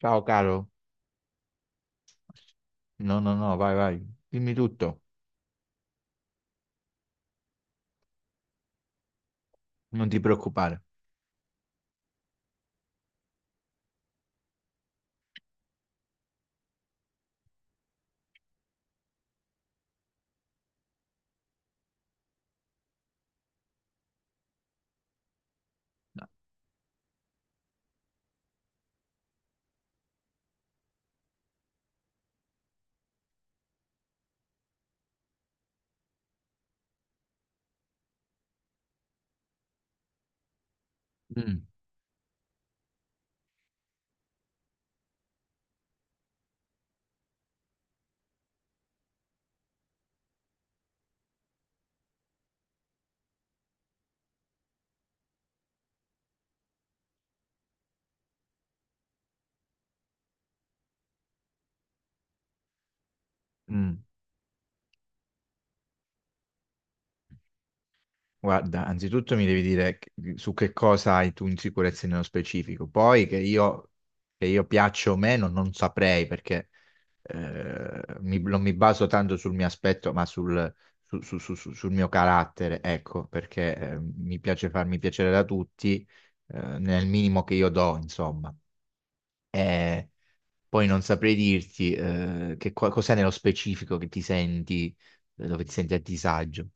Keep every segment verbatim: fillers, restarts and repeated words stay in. Ciao caro, no, no, no, vai, vai, dimmi tutto, non ti preoccupare. Mm, mm. Guarda, anzitutto mi devi dire che- su che cosa hai tu insicurezze nello specifico, poi che io, che io piaccia o meno non saprei perché eh, mi- non mi baso tanto sul mio aspetto, ma sul, su- su- su- su- sul mio carattere, ecco, perché eh, mi piace farmi piacere da tutti eh, nel minimo che io do, insomma. Eh, Poi non saprei dirti eh, che qua- cos'è nello specifico che ti senti, eh, dove ti senti a disagio.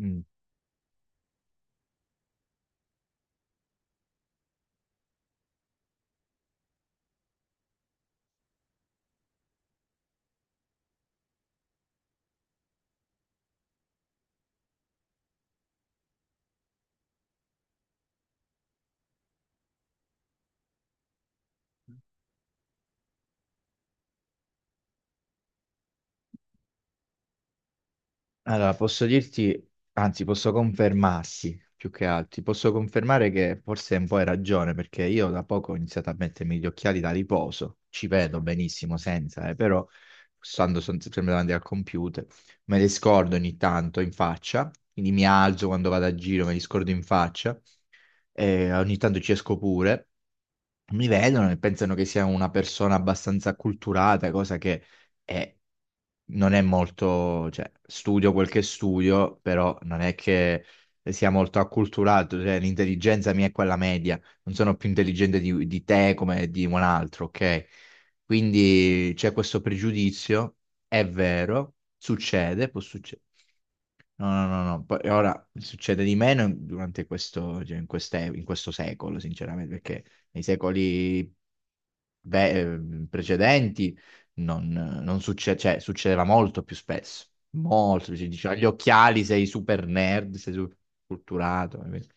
Mm. Allora, posso dirti, anzi, posso confermarsi più che altro, ti posso confermare che forse un po' hai ragione, perché io da poco ho iniziato a mettermi gli occhiali da riposo, ci vedo benissimo senza, eh, però stando son- sempre davanti al computer, me li scordo ogni tanto in faccia, quindi mi alzo quando vado a giro, me li scordo in faccia eh, ogni tanto ci esco pure, mi vedono e pensano che sia una persona abbastanza acculturata, cosa che è- non è molto, cioè studio quel che studio, però non è che sia molto acculturato, cioè l'intelligenza mia è quella media, non sono più intelligente di, di te come di un altro, ok? Quindi c'è questo pregiudizio, è vero, succede, può succedere. No, no, no, no. Poi ora succede di meno durante questo, cioè, in queste- in questo secolo, sinceramente, perché nei secoli ve- eh, precedenti non, non succe- cioè, succedeva molto più spesso. Molto, ci diceva gli occhiali, sei super nerd, sei super culturato. Capito?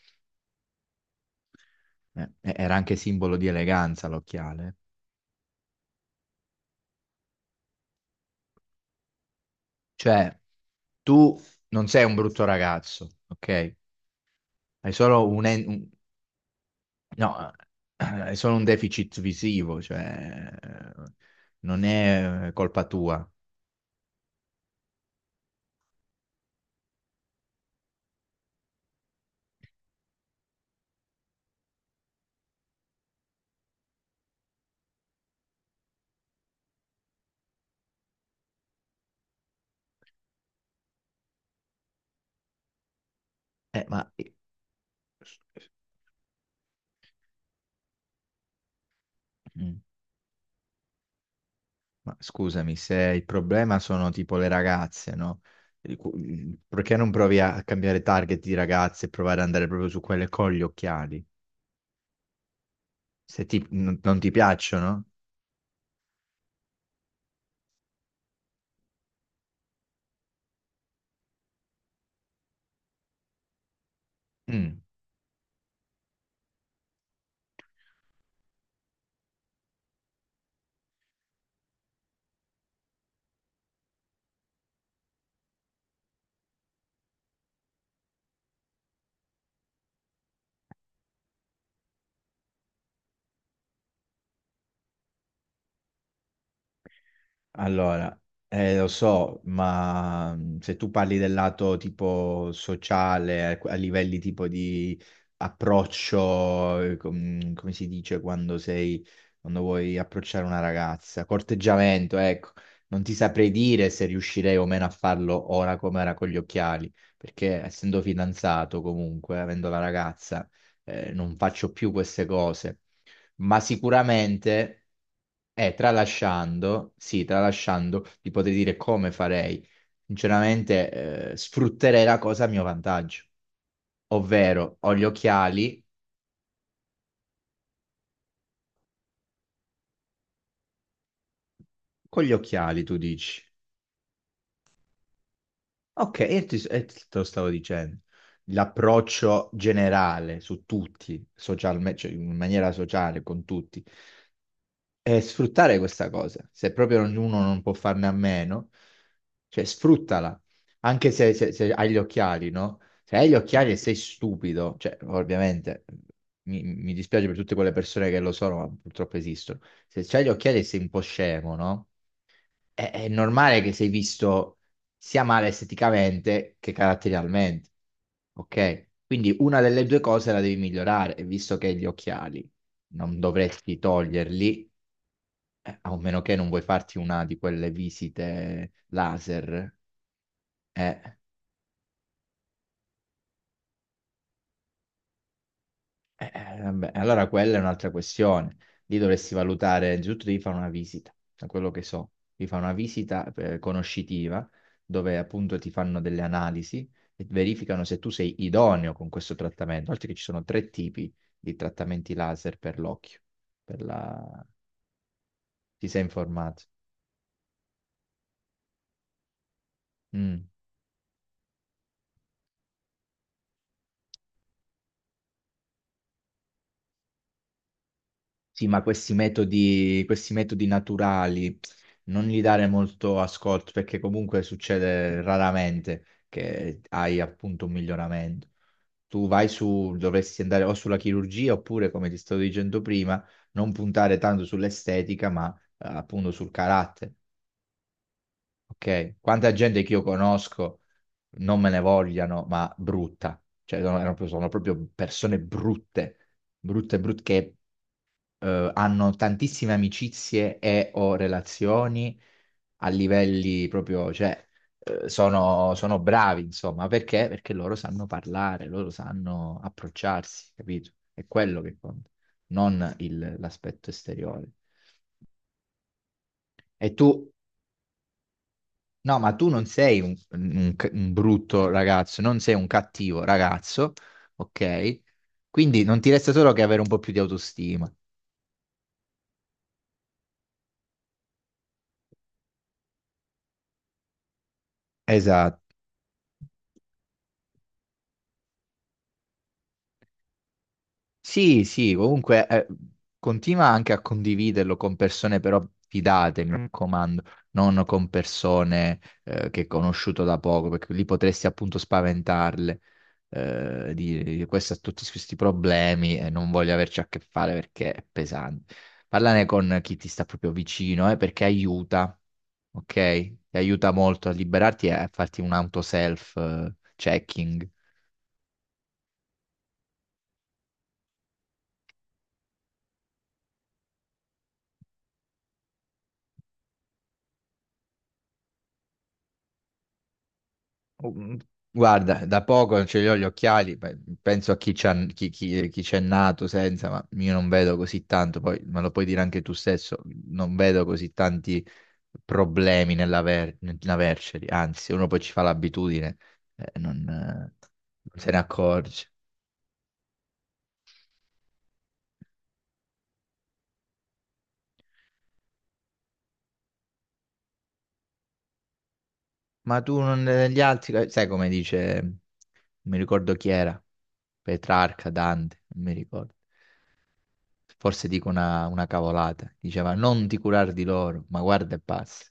Eh, era anche simbolo di eleganza l'occhiale. Cioè, tu non sei un brutto ragazzo, ok? Hai solo un, no, eh, è solo un deficit visivo, cioè eh, non è eh, colpa tua. Eh, ma, Mm. Ma scusami, se il problema sono tipo le ragazze, no? Il cu- mm, Perché non provi a cambiare target di ragazze e provare ad andare proprio su quelle con gli occhiali? Se ti- Non non ti piacciono? Mm. Allora, eh, lo so, ma mh, se tu parli del lato tipo sociale, a, a livelli tipo di approccio, eh, com- come si dice quando sei, quando vuoi approcciare una ragazza, corteggiamento, ecco, non ti saprei dire se riuscirei o meno a farlo ora come era con gli occhiali, perché essendo fidanzato comunque, avendo la ragazza, eh, non faccio più queste cose ma sicuramente, eh, tralasciando, sì, tralasciando, ti potrei dire come farei. Sinceramente, eh, sfrutterei la cosa a mio vantaggio, ovvero ho gli occhiali, con gli occhiali tu dici. Ok, io ti- eh, te lo stavo dicendo. L'approccio generale su tutti, socialmente, cioè in maniera sociale con tutti e sfruttare questa cosa. Se proprio ognuno non può farne a meno, cioè sfruttala. Anche se, se- se hai gli occhiali, no? Se hai gli occhiali e sei stupido, cioè ovviamente mi, mi dispiace per tutte quelle persone che lo sono, ma purtroppo esistono. Se hai gli occhiali e sei un po' scemo, no? È, è normale che sei visto sia male esteticamente che caratterialmente, ok? Quindi una delle due cose la devi migliorare, e visto che hai gli occhiali non dovresti toglierli eh, a meno che non vuoi farti una di quelle visite laser. Eh, eh, eh, Vabbè, allora quella è un'altra questione. Lì dovresti valutare, innanzitutto devi fare una visita, da quello che so. Devi fare una visita eh, conoscitiva, dove appunto ti fanno delle analisi e verificano se tu sei idoneo con questo trattamento. Oltre che ci sono tre tipi di trattamenti laser per l'occhio. Per la... Ti sei informato? Mm. Sì, ma questi metodi, questi metodi naturali non gli dare molto ascolto perché comunque succede raramente che hai appunto un miglioramento. Tu vai su, dovresti andare o sulla chirurgia oppure, come ti stavo dicendo prima, non puntare tanto sull'estetica, ma eh, appunto sul carattere. Ok? Quanta gente che io conosco non me ne vogliano, ma brutta. Cioè, sono sono proprio persone brutte brutte, brutte, che eh, hanno tantissime amicizie e o relazioni a livelli proprio, cioè, eh, sono, sono bravi, insomma, perché? Perché loro sanno parlare, loro sanno approcciarsi, capito? È quello che conta, non il- l'aspetto esteriore. E tu, no, ma tu non sei un, un c- un brutto ragazzo, non sei un cattivo ragazzo, ok? Quindi non ti resta solo che avere un po' più di autostima. Esatto. Sì, sì, comunque eh, continua anche a condividerlo con persone però fidate, mi raccomando, non con persone eh, che hai conosciuto da poco, perché lì potresti appunto spaventarle, eh, di, di questo ha tutti questi problemi e non voglio averci a che fare perché è pesante. Parlane con chi ti sta proprio vicino, eh, perché aiuta, ok? Ti aiuta molto a liberarti e a farti un auto self-checking. Oh, mm, guarda, da poco non ce li ho gli occhiali, beh, penso a chi c'ha- chi- chi- chi c'è nato senza, ma io non vedo così tanto, poi me lo puoi dire anche tu stesso, non vedo così tanti problemi nell'aver- nell'averceli, anzi, uno poi ci fa l'abitudine, eh, non, eh, non se ne accorge. Ma tu non, gli altri, sai come dice, non mi ricordo chi era, Petrarca, Dante, non mi ricordo. Forse dico una, una cavolata. Diceva non ti curare di loro, ma guarda e passa.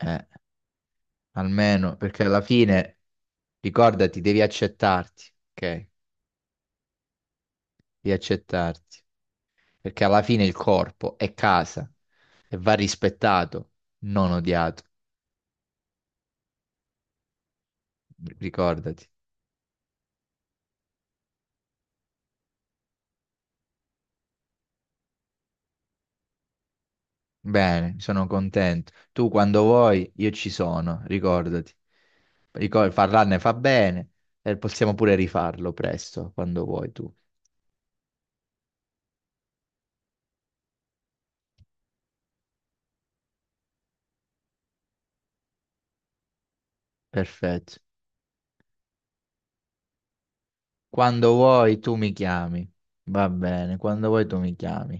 Eh, almeno, perché alla fine, ricordati, devi accettarti, ok? Devi accettarti. Perché alla fine il corpo è casa e va rispettato, non odiato. Ricordati. Bene, sono contento. Tu quando vuoi, io ci sono, ricordati. Ricor- parlarne fa bene e possiamo pure rifarlo presto, quando vuoi tu. Perfetto. Quando vuoi tu mi chiami. Va bene, quando vuoi tu mi chiami.